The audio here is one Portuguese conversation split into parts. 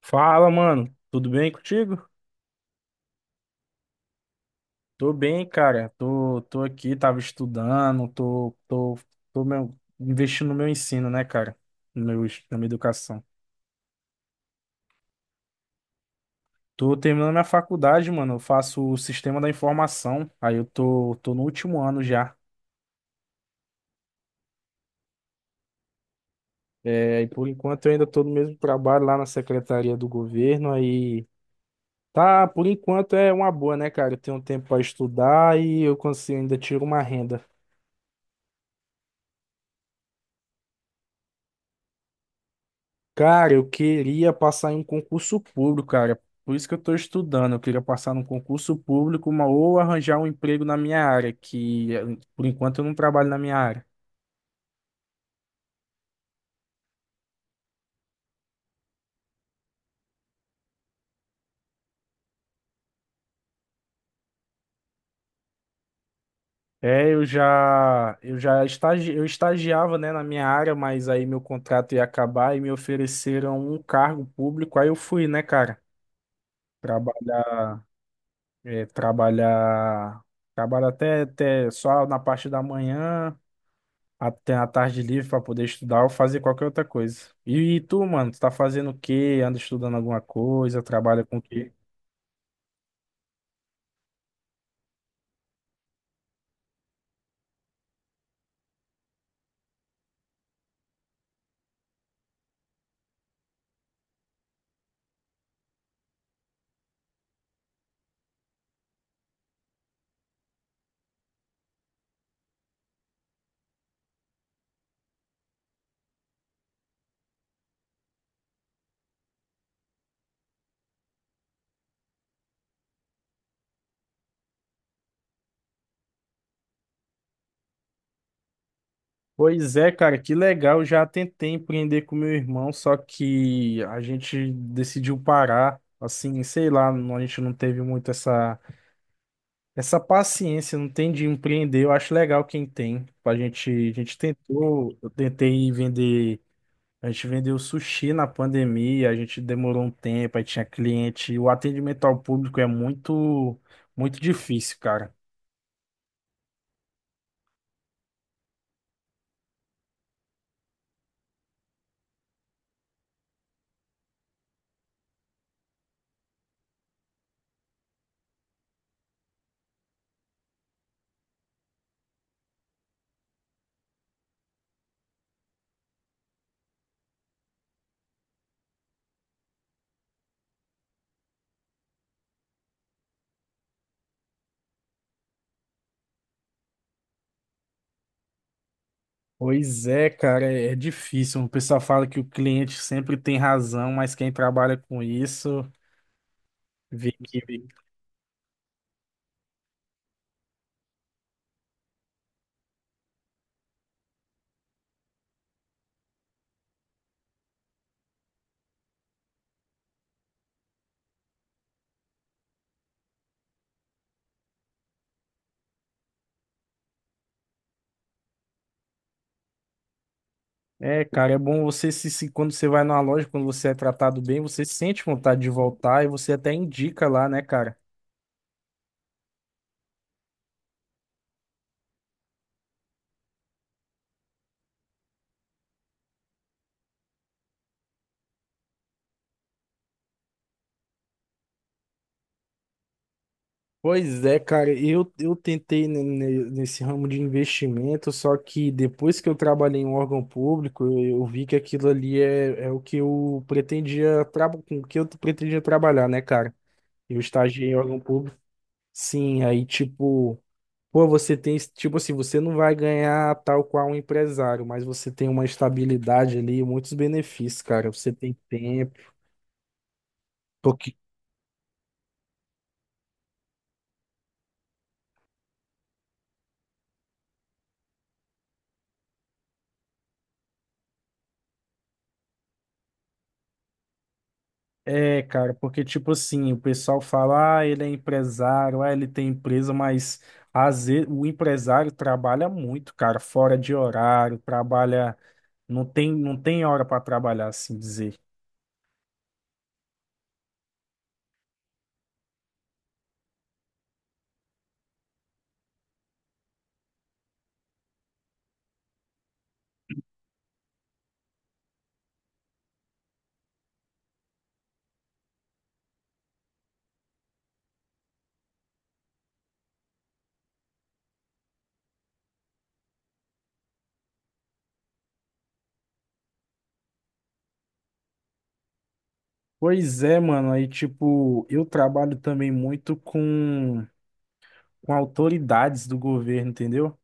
Fala, mano. Tudo bem contigo? Tô bem, cara. Tô aqui, tava estudando, investindo no meu ensino, né, cara? No meu, es- Na minha educação. Tô terminando minha faculdade, mano. Eu faço o sistema da informação. Aí eu tô no último ano já. É, e por enquanto eu ainda tô no mesmo trabalho lá na Secretaria do Governo. Aí tá, por enquanto é uma boa, né, cara? Eu tenho um tempo pra estudar e eu consigo ainda tiro uma renda. Cara, eu queria passar em um concurso público, cara. Por isso que eu estou estudando. Eu queria passar num concurso público, uma, ou arranjar um emprego na minha área, por enquanto eu não trabalho na minha área. É, eu estagiava, né, na minha área, mas aí meu contrato ia acabar e me ofereceram um cargo público. Aí eu fui, né, cara, trabalhar, eh, trabalhar, trabalhar até, até só na parte da manhã. Tem a tarde livre pra poder estudar ou fazer qualquer outra coisa. E, tu, mano, tu tá fazendo o quê? Anda estudando alguma coisa? Trabalha com o quê? Pois é, cara, que legal. Eu já tentei empreender com meu irmão, só que a gente decidiu parar. Assim, sei lá, a gente não teve muito essa, essa paciência, não tem de empreender. Eu acho legal quem tem. A gente tentou, eu tentei vender. A gente vendeu sushi na pandemia, a gente demorou um tempo, aí tinha cliente. O atendimento ao público é muito, muito difícil, cara. Pois é, cara, é difícil. O pessoal fala que o cliente sempre tem razão, mas quem trabalha com isso vê que. É, cara, é bom você quando você vai numa loja, quando você é tratado bem, você sente vontade de voltar e você até indica lá, né, cara? Pois é, cara, eu tentei nesse ramo de investimento, só que depois que eu trabalhei em um órgão público, eu vi que aquilo ali é, é o que eu pretendia, com o que eu pretendia trabalhar, né, cara? Eu estagiei em órgão público. Sim, aí tipo, pô, você tem, tipo assim, você não vai ganhar tal qual um empresário, mas você tem uma estabilidade ali, muitos benefícios, cara. Você tem tempo. É, cara, porque tipo assim, o pessoal fala, ah, ele é empresário, ah, ele tem empresa, mas às vezes, o empresário trabalha muito, cara, fora de horário, trabalha, não tem hora para trabalhar, assim dizer. Pois é, mano, aí tipo, eu trabalho também muito com autoridades do governo, entendeu?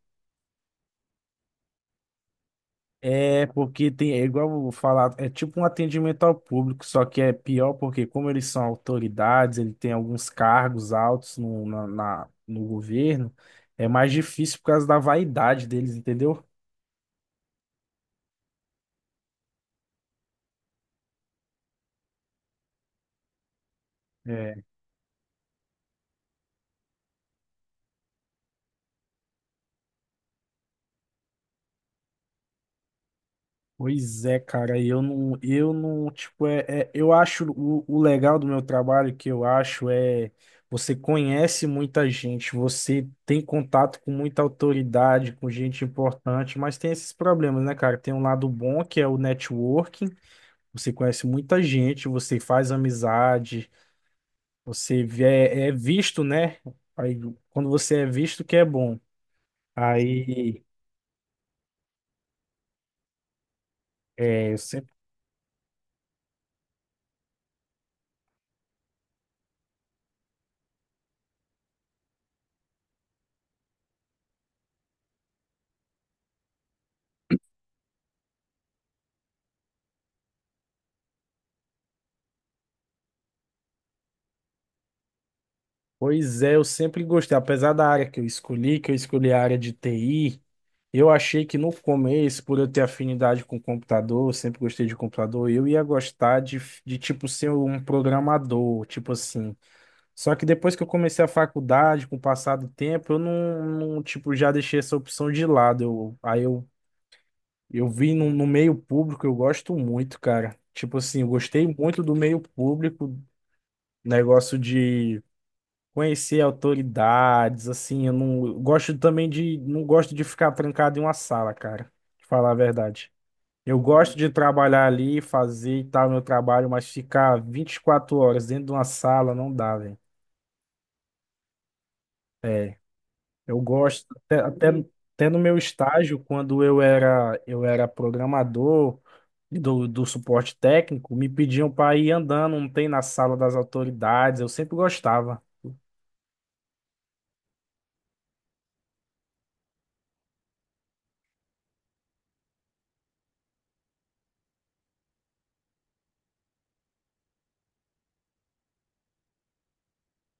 É porque tem, é igual eu vou falar, é tipo um atendimento ao público, só que é pior porque como eles são autoridades, ele tem alguns cargos altos no governo, é mais difícil por causa da vaidade deles, entendeu? Pois é, cara, eu não, tipo, eu acho o legal do meu trabalho que eu acho é você conhece muita gente, você tem contato com muita autoridade, com gente importante, mas tem esses problemas, né, cara? Tem um lado bom que é o networking, você conhece muita gente, você faz amizade, é, é visto, né? Aí, quando você é visto que é bom. Aí é, Pois é, eu sempre gostei, apesar da área que eu escolhi a área de TI, eu achei que no começo, por eu ter afinidade com computador, eu sempre gostei de computador, eu ia gostar de tipo ser um programador, tipo assim. Só que depois que eu comecei a faculdade, com o passar do tempo, eu não, não, tipo já deixei essa opção de lado. Eu vi no meio público, eu gosto muito, cara. Tipo assim, eu gostei muito do meio público, negócio de conhecer autoridades, assim, eu gosto também de, não gosto de ficar trancado em uma sala, cara, de falar a verdade. Eu gosto de trabalhar ali, fazer e tal, meu trabalho, mas ficar 24 horas dentro de uma sala não dá, velho. É, eu gosto, até no meu estágio, quando eu era programador do, do suporte técnico, me pediam para ir andando, não tem na sala das autoridades, eu sempre gostava.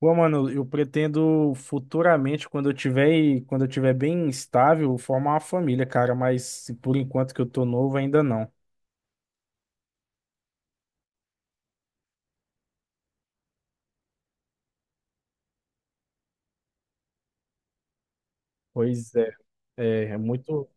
Pô, mano, eu pretendo futuramente, quando eu tiver bem estável, formar uma família, cara, mas por enquanto que eu tô novo ainda não. Pois é, é, é muito.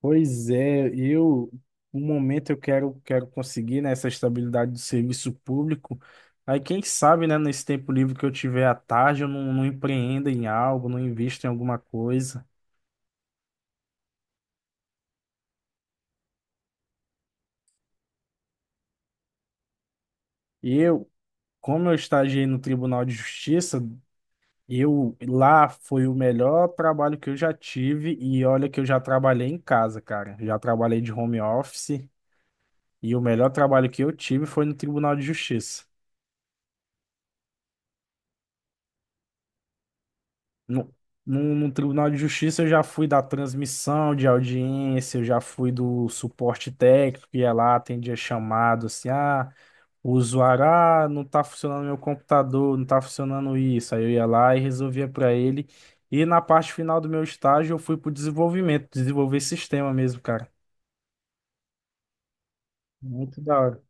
Pois é, eu, no momento eu quero, quero conseguir, né, essa estabilidade do serviço público. Aí quem sabe, né, nesse tempo livre que eu tiver à tarde, eu não empreenda em algo, não invisto em alguma coisa. E eu, como eu estagiei no Tribunal de Justiça, eu lá foi o melhor trabalho que eu já tive e olha que eu já trabalhei em casa, cara. Já trabalhei de home office e o melhor trabalho que eu tive foi no Tribunal de Justiça. No, no Tribunal de Justiça eu já fui da transmissão de audiência, eu já fui do suporte técnico, ia lá, atendia chamado, assim, ah, o usuário, ah, não tá funcionando meu computador, não tá funcionando isso. Aí eu ia lá e resolvia para ele. E na parte final do meu estágio eu fui pro desenvolvimento, desenvolver sistema mesmo, cara. Muito da hora.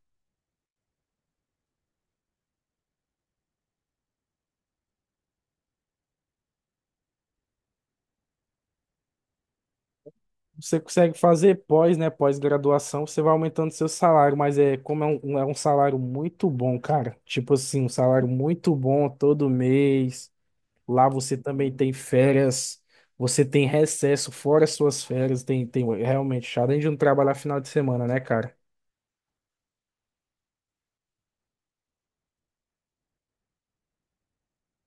Você consegue fazer pós, né? Pós-graduação, você vai aumentando seu salário, mas é como é um salário muito bom, cara. Tipo assim, um salário muito bom todo mês. Lá você também tem férias, você tem recesso fora suas férias, tem realmente, além de não trabalhar final de semana, né, cara?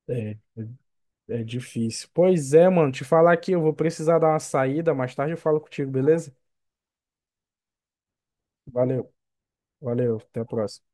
É, é difícil. Pois é, mano, te falar aqui, eu vou precisar dar uma saída, mais tarde eu falo contigo, beleza? Valeu, valeu, até a próxima.